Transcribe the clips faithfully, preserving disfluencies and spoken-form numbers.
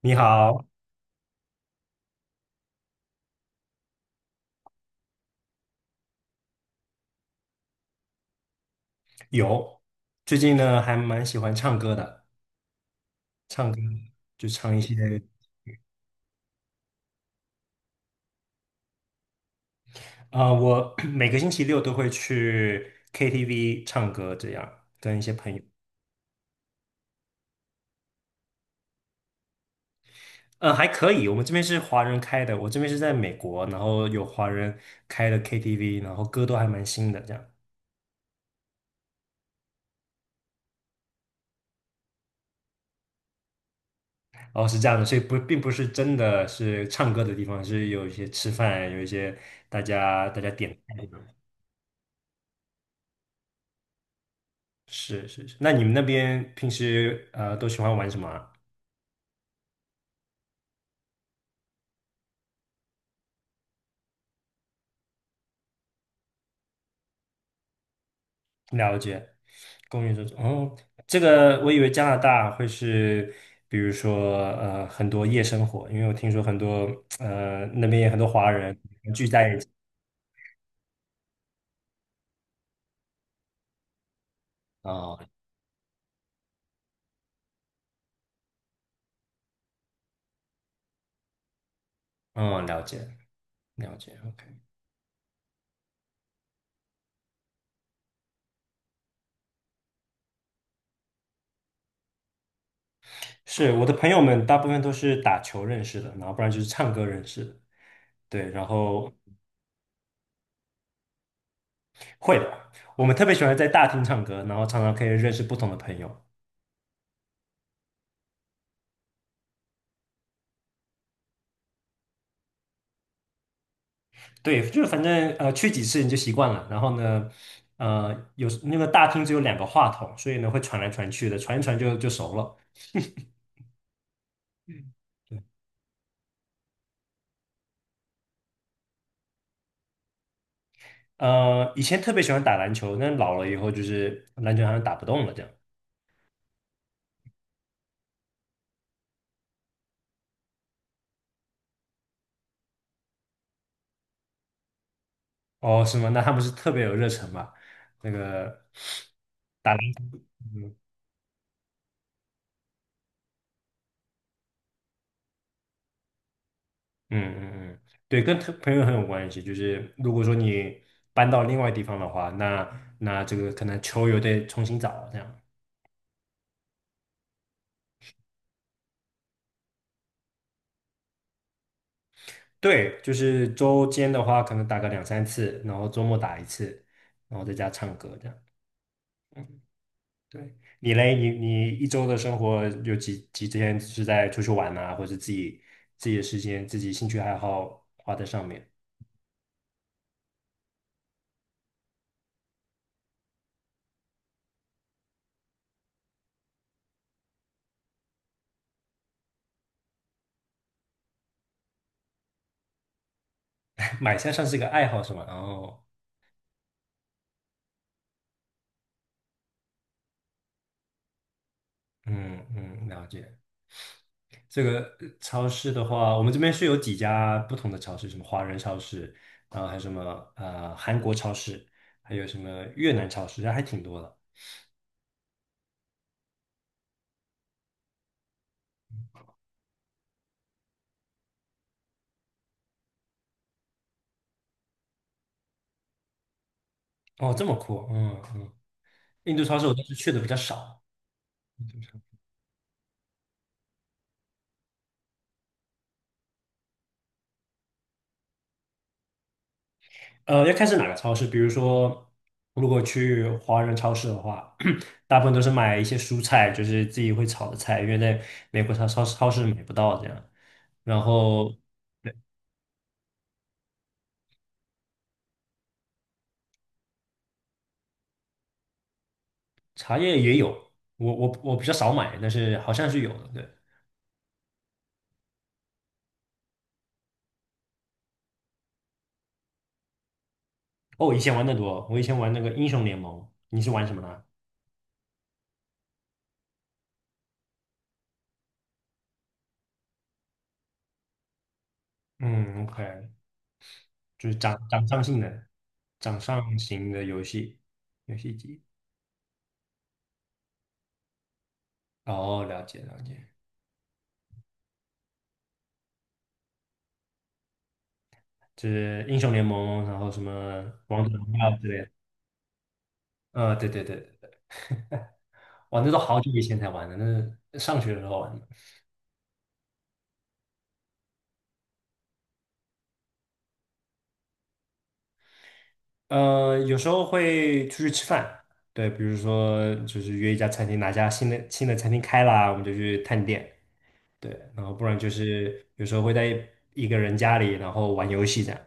你好。有。最近呢还蛮喜欢唱歌的。唱歌就唱一些。啊、我 每个星期六都会去 K T V 唱歌，这样跟一些朋友。呃，还可以。我们这边是华人开的，我这边是在美国，然后有华人开的 K T V，然后歌都还蛮新的，这样。哦，是这样的，所以不并不是真的是唱歌的地方，是有一些吃饭，有一些大家大家点菜。是是是，那你们那边平时呃都喜欢玩什么啊？了解。公寓这种，哦，这个我以为加拿大会是，比如说呃很多夜生活，因为我听说很多呃那边也很多华人聚在一起。啊哦。嗯，了解了解，OK。是我的朋友们大部分都是打球认识的，然后不然就是唱歌认识的。对，然后会的，我们特别喜欢在大厅唱歌，然后常常可以认识不同的朋友。对，就是反正呃去几次你就习惯了。然后呢，呃，有那个大厅只有两个话筒，所以呢会传来传去的，传一传就就熟了。对。呃，以前特别喜欢打篮球，但老了以后就是篮球好像打不动了这样。哦，是吗？那他不是特别有热忱吧？那个打篮球。嗯嗯嗯。对，跟特朋友很有关系。就是如果说你搬到另外地方的话，那那这个可能球又得重新找这样。对，就是周间的话，可能打个两三次，然后周末打一次，然后在家唱歌这样。对，你嘞，你你一周的生活有几几天是在出去玩呐，或者自己自己的时间、自己兴趣爱好花在上面？买菜算是一个爱好是吗？然后，嗯嗯，了解。这个呃超市的话，我们这边是有几家不同的超市，什么华人超市，然后还有什么呃韩国超市，还有什么越南超市，还挺多的。哦，这么酷，嗯嗯。印度超市我倒是去的比较少。呃，要看是哪个超市。比如说，如果去华人超市的话，大部分都是买一些蔬菜，就是自己会炒的菜，因为在美国超超超市买不到这样。然后茶叶也有，我我我比较少买，但是好像是有的。对。哦，我以前玩的多，我以前玩那个英雄联盟，你是玩什么呢？嗯，OK,就是掌掌上性的，掌上型的游戏游戏机。哦，了解了解。就是英雄联盟，然后什么王者荣耀之类的。呃，对对对对对，哇，那都好久以前才玩的，那是上学的时候玩的。呃，有时候会出去吃饭。对，比如说就是约一家餐厅，哪家新的新的餐厅开啦，我们就去探店。对，然后不然就是有时候会在一个人家里，然后玩游戏这样。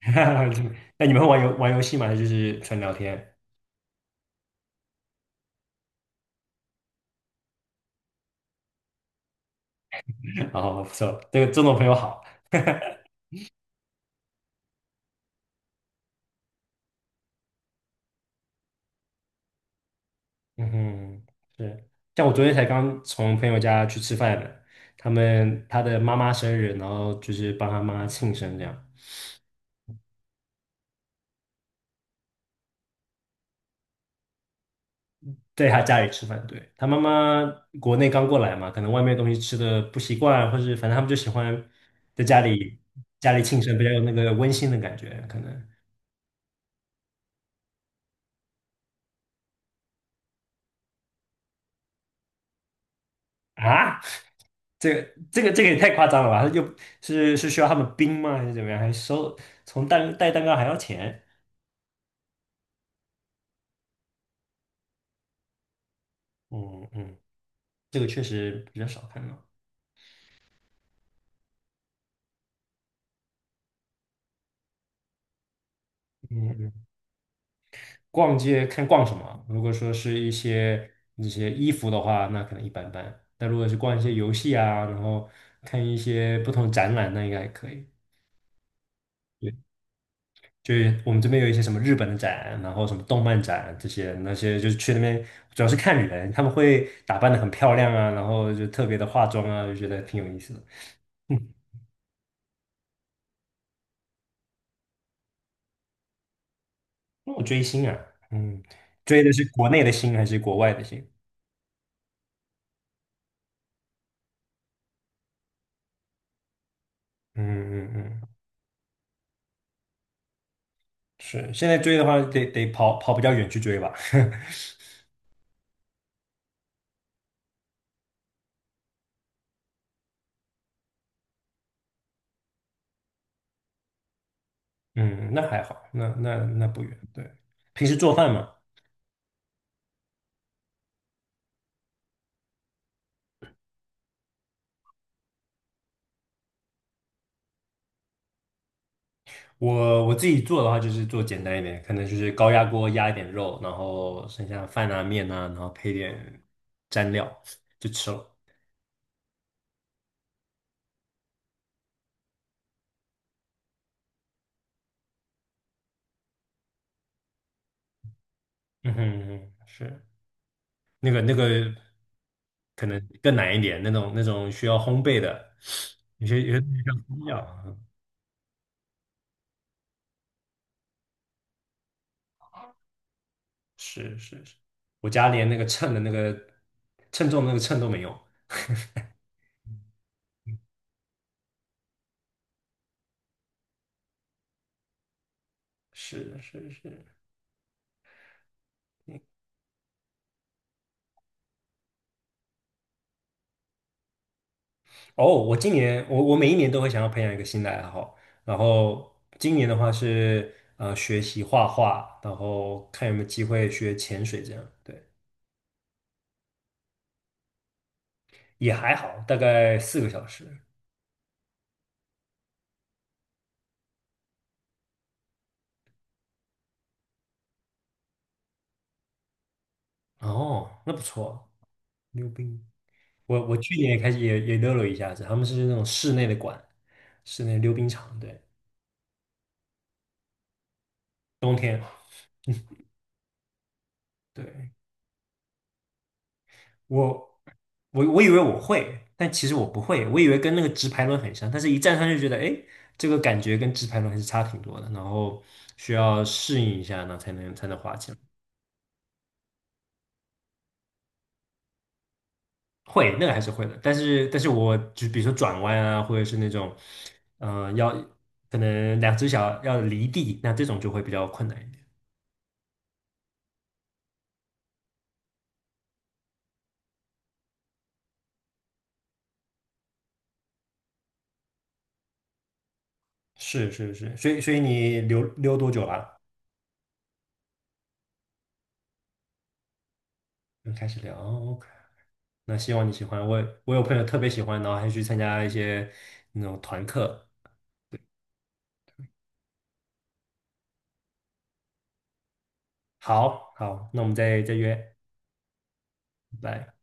就那你们会玩游玩游戏吗？还是就是纯聊天？然后不错，这个这种朋友好。嗯哼，是。像我昨天才刚从朋友家去吃饭的，他们他的妈妈生日，然后就是帮他妈庆生这样，在他家里吃饭。对，他妈妈国内刚过来嘛，可能外面东西吃的不习惯，或是反正他们就喜欢在家里家里庆生，比较有那个温馨的感觉，可能。啊，这个这个这个也太夸张了吧？他就是是需要他们冰吗？还是怎么样？还收从蛋带蛋糕还要钱？嗯嗯，这个确实比较少看到。嗯嗯。逛街看逛什么。如果说是一些那些衣服的话，那可能一般般。但如果是逛一些游戏啊，然后看一些不同展览，那应该还可以。对，就是我们这边有一些什么日本的展，然后什么动漫展这些，那些就是去那边主要是看人，他们会打扮的很漂亮啊，然后就特别的化妆啊，就觉得挺有意思的。嗯，那我追星啊。嗯，追的是国内的星还是国外的星？嗯嗯嗯，是，现在追的话得得跑跑比较远去追吧。嗯，那还好，那那那不远。对，平时做饭嘛。我我自己做的话就是做简单一点，可能就是高压锅压一点肉，然后剩下饭啊面啊，然后配点蘸料就吃了。嗯哼嗯哼，是那个那个可能更难一点，那种那种需要烘焙的，有些有些东西要烘料啊。是是是，我家连那个秤的那个称重的那个秤都没有。是是是。哦，我今年我我每一年都会想要培养一个新的爱好，然后今年的话是呃学习画画，然后看有没有机会学潜水这样。对，也还好，大概四个小时。哦，那不错，溜冰。我我去年也开始也也溜了一下子，他们是那种室内的馆，室内溜冰场。对，冬天。对。我我我以为我会，但其实我不会。我以为跟那个直排轮很像，但是一站上去觉得，哎，这个感觉跟直排轮还是差挺多的。然后需要适应一下呢，然后才能才能滑起来。会，那个还是会的。但是但是我就比如说转弯啊，或者是那种，嗯，要可能两只脚要离地，那这种就会比较困难一点。是是是，所以所以你溜溜多久了？就开始聊哦，OK。那希望你喜欢。我我有朋友特别喜欢，然后还去参加一些那种团课。好好，那我们再再约。拜拜。